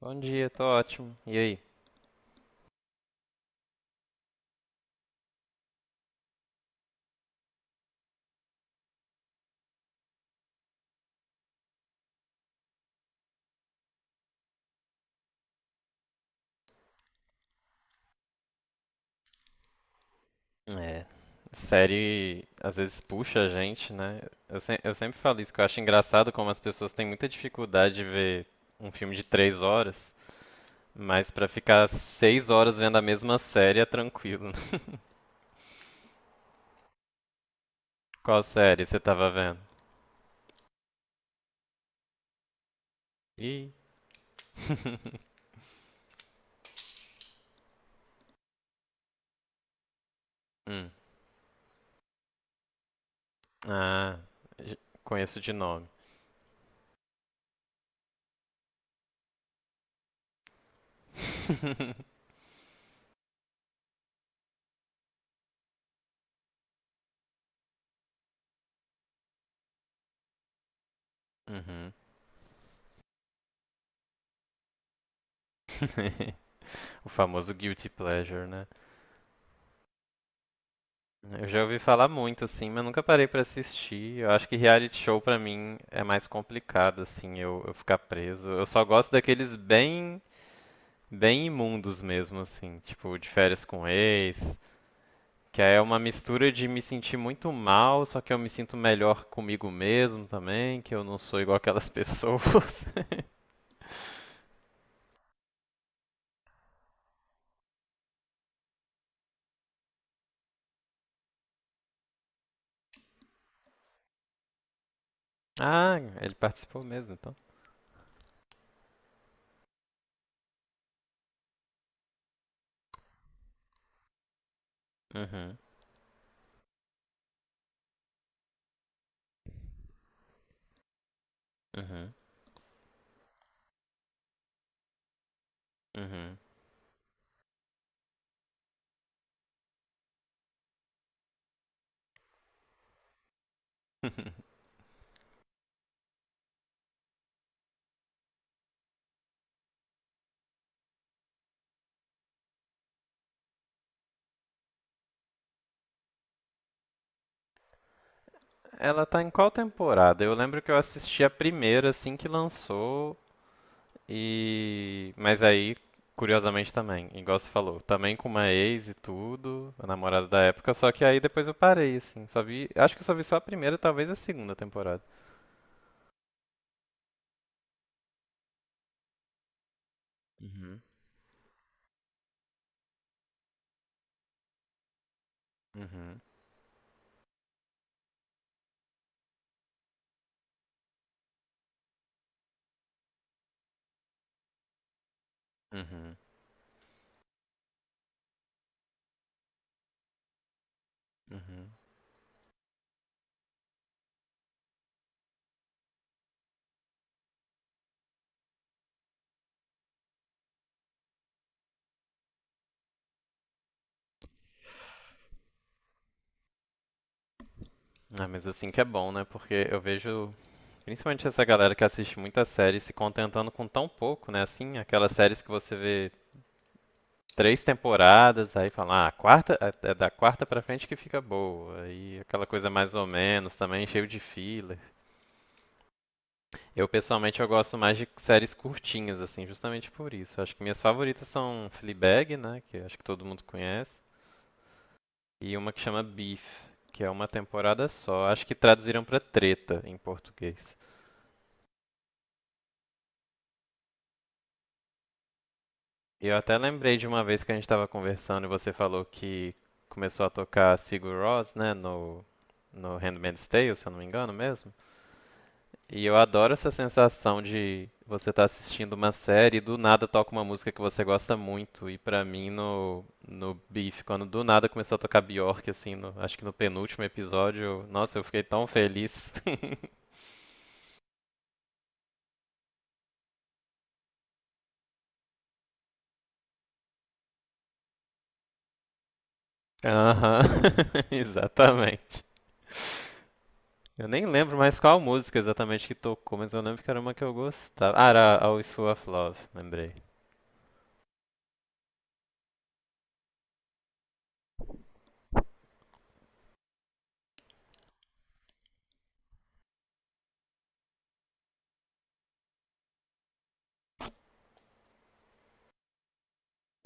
Bom dia, tô ótimo. E aí? É, série às vezes puxa a gente, né? Eu, se- eu sempre falo isso, que eu acho engraçado como as pessoas têm muita dificuldade de ver um filme de 3 horas, mas pra ficar 6 horas vendo a mesma série é tranquilo, né? Qual série você tava vendo? Ih. Hum. Ah, j- conheço de nome. Uhum. O famoso guilty pleasure, né? Eu já ouvi falar muito, assim, mas nunca parei pra assistir. Eu acho que reality show pra mim é mais complicado, assim, eu ficar preso. Eu só gosto daqueles bem, bem imundos mesmo, assim, tipo de férias com ex, que aí é uma mistura de me sentir muito mal, só que eu me sinto melhor comigo mesmo também, que eu não sou igual aquelas pessoas. Ah, ele participou mesmo, então. Uhum, uhum, uhum. Ela tá em qual temporada? Eu lembro que eu assisti a primeira assim que lançou. E. Mas aí, curiosamente também, igual você falou, também com uma ex e tudo, a namorada da época, só que aí depois eu parei, assim. Só vi. Acho que eu só vi só a primeira, talvez a segunda temporada. Uhum. Uhum, uhum, uhum. Ah, mas assim que é bom, né? Porque eu vejo, principalmente essa galera que assiste muita série se contentando com tão pouco, né? Assim, aquelas séries que você vê três temporadas, aí fala, ah, a quarta, é da quarta pra frente que fica boa. Aí aquela coisa mais ou menos também, cheio de fila. Eu pessoalmente eu gosto mais de séries curtinhas, assim, justamente por isso. Acho que minhas favoritas são Fleabag, né, que acho que todo mundo conhece, e uma que chama Beef, que é uma temporada só. Acho que traduziram pra Treta em português. Eu até lembrei de uma vez que a gente estava conversando e você falou que começou a tocar Sigur Rós, né, no Handmaid's Tale, se eu não me engano mesmo. E eu adoro essa sensação de você estar assistindo uma série e do nada toca uma música que você gosta muito. E pra mim no Beef, quando do nada começou a tocar Bjork assim, acho que no penúltimo episódio, nossa, eu fiquei tão feliz. Aham. Exatamente. Eu nem lembro mais qual música exatamente que tocou, mas eu lembro que era uma que eu gostava. Ah, era Always Full of Love, lembrei.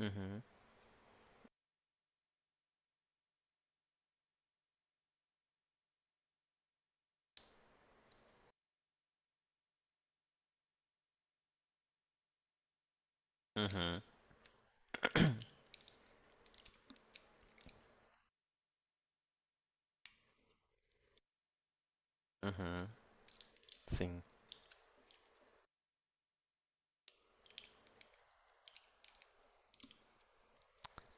Uhum. Uhum. Sim.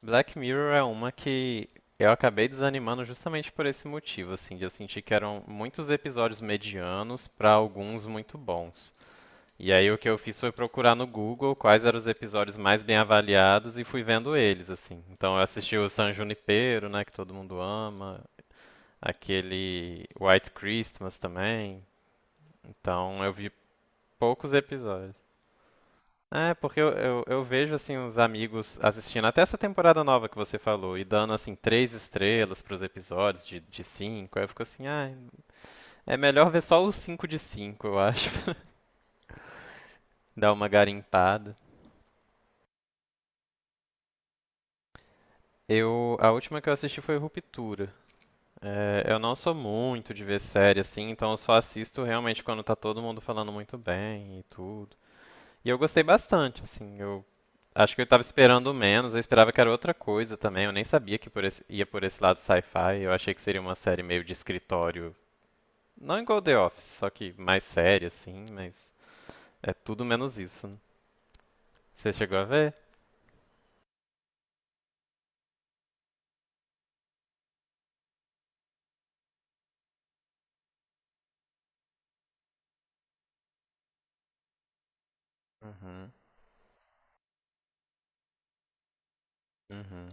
Black Mirror é uma que eu acabei desanimando justamente por esse motivo, assim, de eu sentir que eram muitos episódios medianos para alguns muito bons. E aí o que eu fiz foi procurar no Google quais eram os episódios mais bem avaliados e fui vendo eles, assim. Então eu assisti o San Junipero, né, que todo mundo ama, aquele White Christmas também. Então eu vi poucos episódios. É, porque eu vejo assim os amigos assistindo até essa temporada nova que você falou e dando assim 3 estrelas pros episódios de 5. Aí eu fico assim, ah, é melhor ver só os 5 de 5, eu acho, pra dar uma garimpada. Eu, a última que eu assisti foi Ruptura. É, eu não sou muito de ver série assim, então eu só assisto realmente quando tá todo mundo falando muito bem e tudo. E eu gostei bastante, assim. Eu acho que eu estava esperando menos, eu esperava que era outra coisa também. Eu nem sabia que ia por esse lado sci-fi. Eu achei que seria uma série meio de escritório. Não igual The Office, só que mais séria, assim, mas é tudo menos isso. Né? Você chegou a ver? Uhum. Uhum.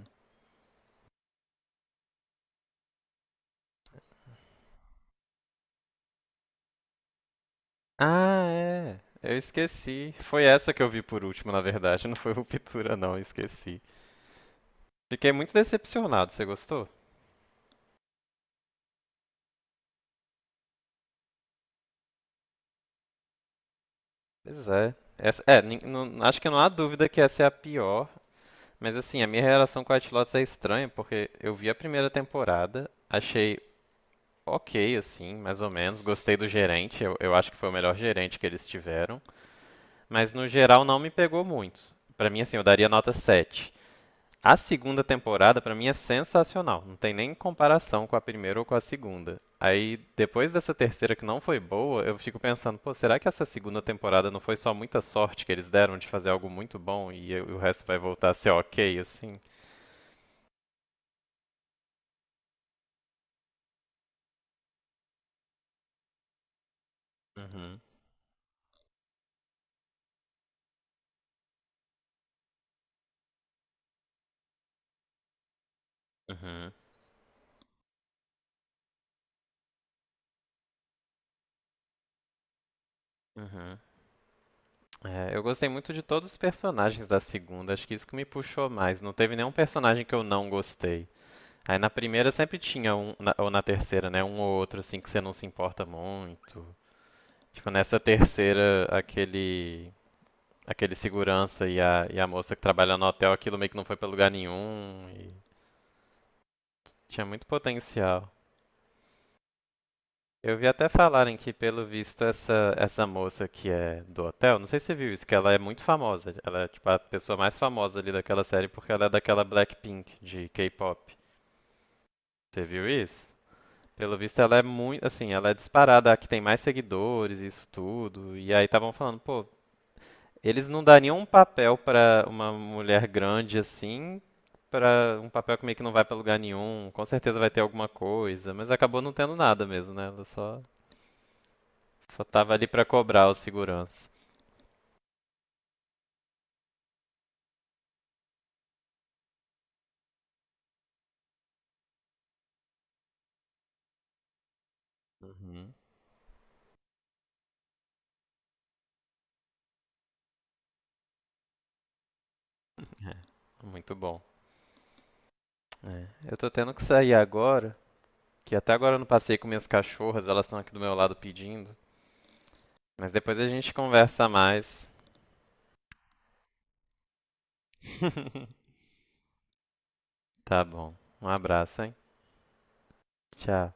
Ah, é. Eu esqueci. Foi essa que eu vi por último, na verdade. Não foi Ruptura, não. Eu esqueci. Fiquei muito decepcionado. Você gostou? Pois é. Essa, é, acho que não há dúvida que essa é a pior. Mas assim, a minha relação com White Lotus é estranha, porque eu vi a primeira temporada, achei ok, assim, mais ou menos. Gostei do gerente, eu acho que foi o melhor gerente que eles tiveram. Mas no geral não me pegou muito. Pra mim, assim, eu daria nota 7. A segunda temporada, pra mim, é sensacional. Não tem nem comparação com a primeira ou com a segunda. Aí, depois dessa terceira que não foi boa, eu fico pensando, pô, será que essa segunda temporada não foi só muita sorte que eles deram de fazer algo muito bom e o resto vai voltar a ser ok, assim? Uhum. Uhum, uhum. É, eu gostei muito de todos os personagens da segunda, acho que isso que me puxou mais. Não teve nenhum personagem que eu não gostei. Aí na primeira sempre tinha um, ou na terceira, né? Um ou outro assim que você não se importa muito. Tipo, nessa terceira, aquele segurança e a moça que trabalha no hotel, aquilo meio que não foi pra lugar nenhum e tinha muito potencial. Eu vi até falarem que, pelo visto, essa moça que é do hotel, não sei se você viu isso, que ela é muito famosa. Ela é, tipo, a pessoa mais famosa ali daquela série porque ela é daquela Blackpink de K-pop. Você viu isso? Pelo visto, ela é muito, assim, ela é disparada, a que tem mais seguidores, isso tudo. E aí estavam falando, pô, eles não dariam um papel pra uma mulher grande assim, pra um papel que meio que não vai pra lugar nenhum. Com certeza vai ter alguma coisa, mas acabou não tendo nada mesmo, né? Ela só Só tava ali pra cobrar o segurança. Uhum. É, muito bom. É. Eu tô tendo que sair agora, que até agora eu não passei com minhas cachorras, elas estão aqui do meu lado pedindo. Mas depois a gente conversa mais. Tá bom. Um abraço, hein? Tchau.